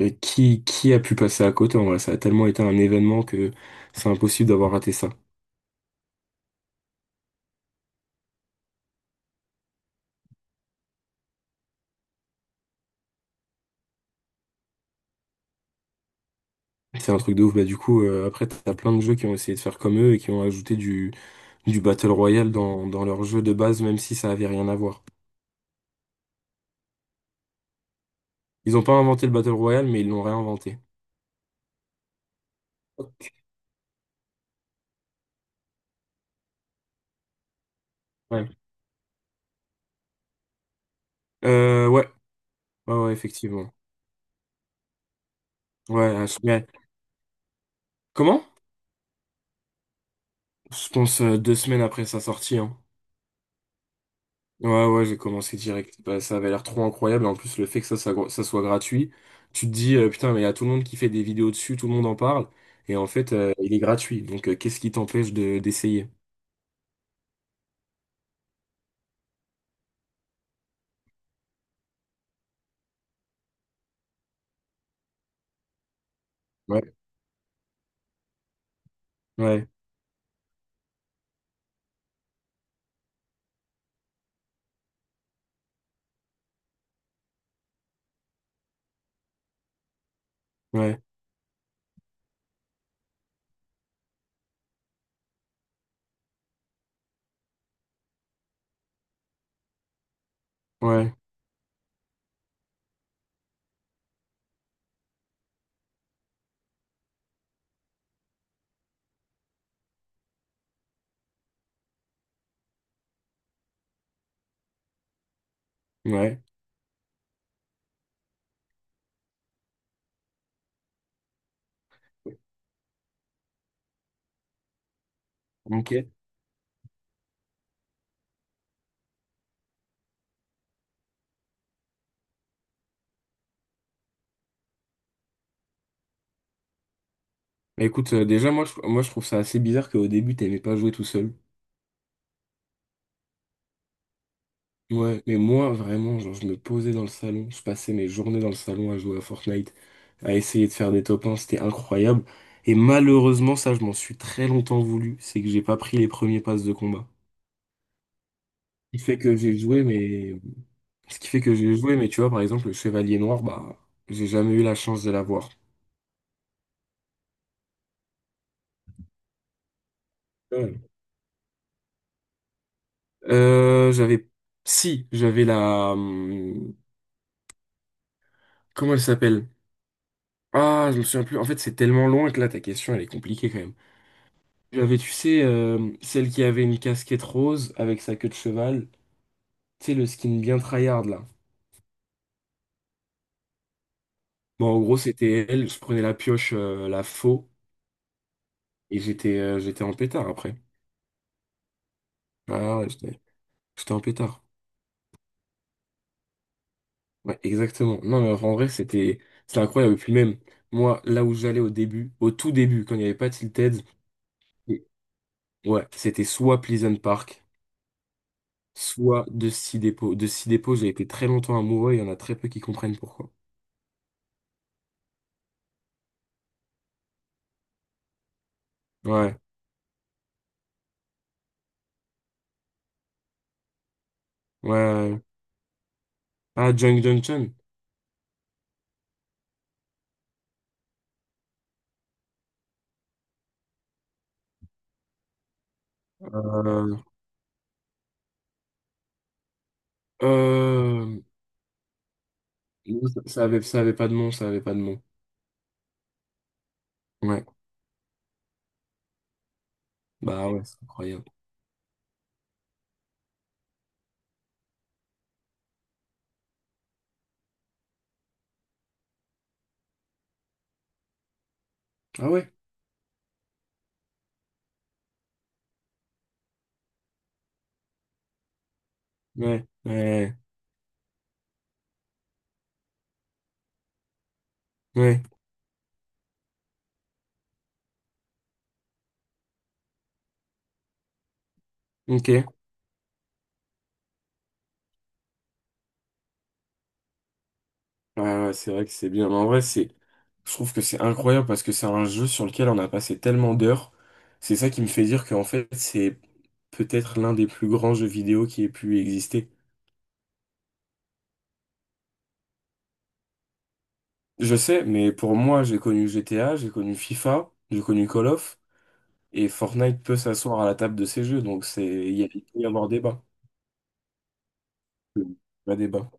Et qui a pu passer à côté en vrai? Ça a tellement été un événement que c'est impossible d'avoir raté ça. C'est un truc de ouf. Bah, du coup, après, t'as plein de jeux qui ont essayé de faire comme eux et qui ont ajouté du Battle Royale dans leur jeu de base, même si ça avait rien à voir. Ils n'ont pas inventé le Battle Royale, mais ils l'ont réinventé. Ok. Ouais. Ouais. Ouais, ouais, effectivement. Ouais, à- mais- Comment? Je pense deux semaines après sa sortie, hein. Ouais, ouais, j'ai commencé direct. Bah, ça avait l'air trop incroyable. En plus, le fait que ça soit gratuit, tu te dis, putain, mais il y a tout le monde qui fait des vidéos dessus, tout le monde en parle. Et en fait, il est gratuit. Donc, qu'est-ce qui t'empêche d'essayer? Ouais, ouais, ouais, ouais, ouais. Ok. Bah, écoute, déjà, moi, je trouve ça assez bizarre qu'au début, t'aimais pas jouer tout seul. Ouais, mais moi, vraiment, genre, je me posais dans le salon, je passais mes journées dans le salon à jouer à Fortnite, à essayer de faire des top 1, c'était incroyable. Et malheureusement, ça, je m'en suis très longtemps voulu, c'est que j'ai pas pris les premiers passes de combat. Ce qui fait que j'ai joué, mais... Ce qui fait que j'ai joué, mais tu vois, par exemple, le Chevalier Noir, bah, j'ai jamais eu la chance de l'avoir. Ouais. J'avais... Si, j'avais la... comment elle s'appelle? Ah, je me souviens plus. En fait, c'est tellement loin que là, ta question, elle est compliquée quand même. J'avais, tu sais, celle qui avait une casquette rose avec sa queue de cheval. Tu sais, le skin bien tryhard, là. Bon, en gros, c'était elle. Je prenais la pioche, la faux, et j'étais en pétard après. Ah ouais, j'étais en pétard. Ouais, exactement. Non, mais en vrai, c'était incroyable. Et puis même, moi, là où j'allais au début, au tout début, quand il n'y avait pas Tilted, et- ouais, c'était soit Pleasant Park, soit Dusty Depot. Dusty Depot, j'ai été très longtemps amoureux, il y en a très peu qui comprennent pourquoi. Ouais, ouais, ouais, ouais. Ah, Junk Junction. Euh, euh, non, ça avait pas de nom, ça avait pas de nom. Ouais, bah ouais, c'est incroyable. Ah ouais, ouais, ouais, ouais, ok. Ouais, ouais, c'est vrai que c'est bien. Mais en vrai, c'est, je trouve que c'est incroyable parce que c'est un jeu sur lequel on a passé tellement d'heures. C'est ça qui me fait dire qu'en fait, c'est peut-être l'un des plus grands jeux vidéo qui ait pu exister. Je sais, mais pour moi, j'ai connu GTA, j'ai connu FIFA, j'ai connu Call of, et Fortnite peut s'asseoir à la table de ces jeux, donc il y a- il peut y avoir débat. Vrai débat.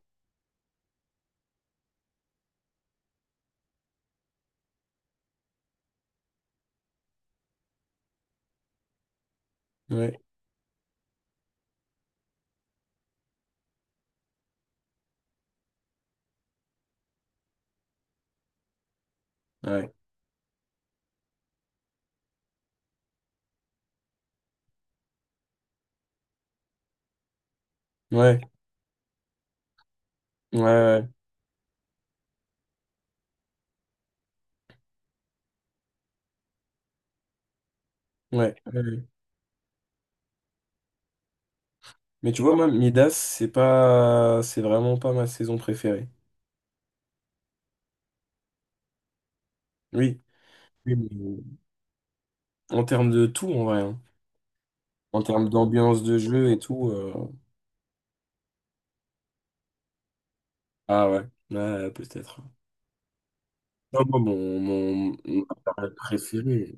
Ouais, ouais, ouais, ouais, ouais, ouais, ouais, ouais. Mais tu vois, moi, Midas, c'est vraiment pas ma saison préférée. Oui, oui, mais en termes de tout, en vrai, hein. En termes d'ambiance de jeu et tout. Ah ouais, ouais, peut-être. Non, moi, mon période préférée.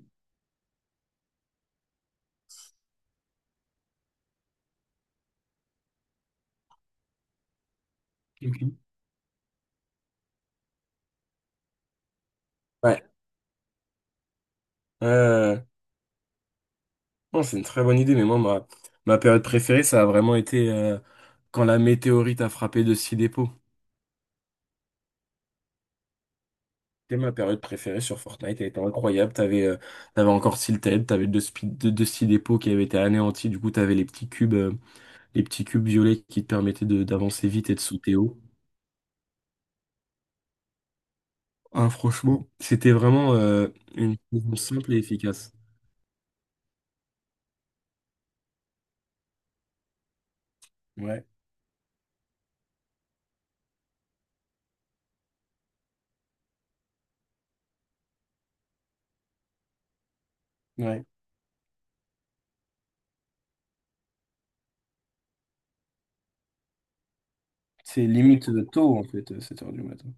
Ok. Ouais. Euh, non, c'est une très bonne idée, mais moi, ma période préférée, ça a vraiment été quand la météorite a frappé de six. C'était ma période préférée sur Fortnite, elle était incroyable. T'avais encore Silted, t'avais deux petits dépôts qui avaient été anéantis. Du coup, t'avais les petits cubes violets qui te permettaient d'avancer vite et de sauter haut. Ah, franchement, c'était vraiment une saison simple et efficace. Ouais, ouais. C'est limite tôt, en fait, sept heures du matin.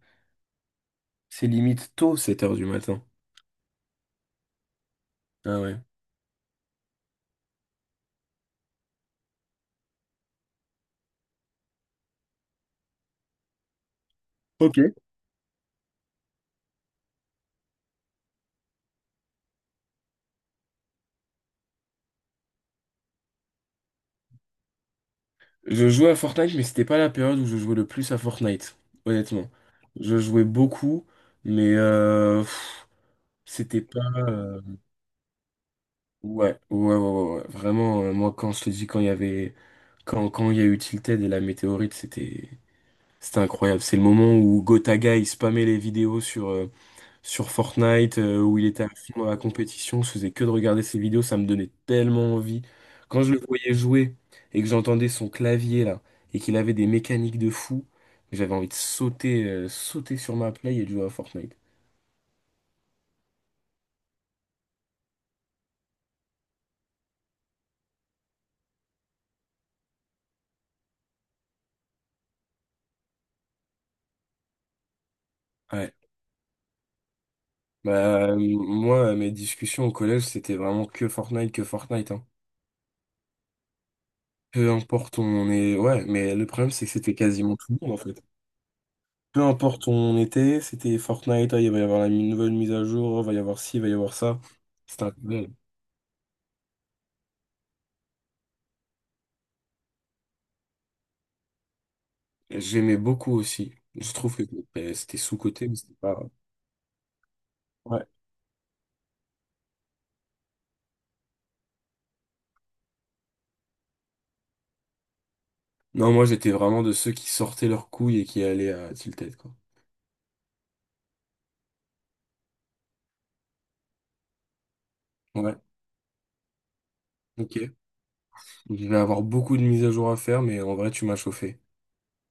C'est limite tôt, sept heures du matin. Ah ouais. Ok. Je jouais à Fortnite, mais c'était pas la période où je jouais le plus à Fortnite, honnêtement. Je jouais beaucoup, mais c'était pas. Ouais, ouais, ouais, ouais, ouais, ouais. Vraiment, moi, quand je te dis, quand il y avait. Quand il y a eu Tilted et la météorite, c'était. C'était incroyable. C'est le moment où Gotaga, il spammait les vidéos sur, sur Fortnite, où il était à fond dans la compétition. Je faisais que de regarder ses vidéos, ça me donnait tellement envie. Quand je le voyais jouer et que j'entendais son clavier, là, et qu'il avait des mécaniques de fou, j'avais envie de sauter, sauter sur ma play et de jouer à Fortnite. Ouais. Bah, moi, mes discussions au collège, c'était vraiment que Fortnite, hein. Peu importe où on est, ouais, mais le problème, c'est que c'était quasiment tout le monde, en fait. Peu importe où on était, c'était Fortnite, ah, il va y avoir la nouvelle mise à jour, il va y avoir ci, il va y avoir ça. C'était incroyable. J'aimais beaucoup aussi. Je trouve que c'était sous-coté, mais c'était pas... Ouais. Non, moi, j'étais vraiment de ceux qui sortaient leurs couilles et qui allaient à Tilted, quoi. Ouais, ok. Il va y avoir beaucoup de mises à jour à faire, mais en vrai, tu m'as chauffé.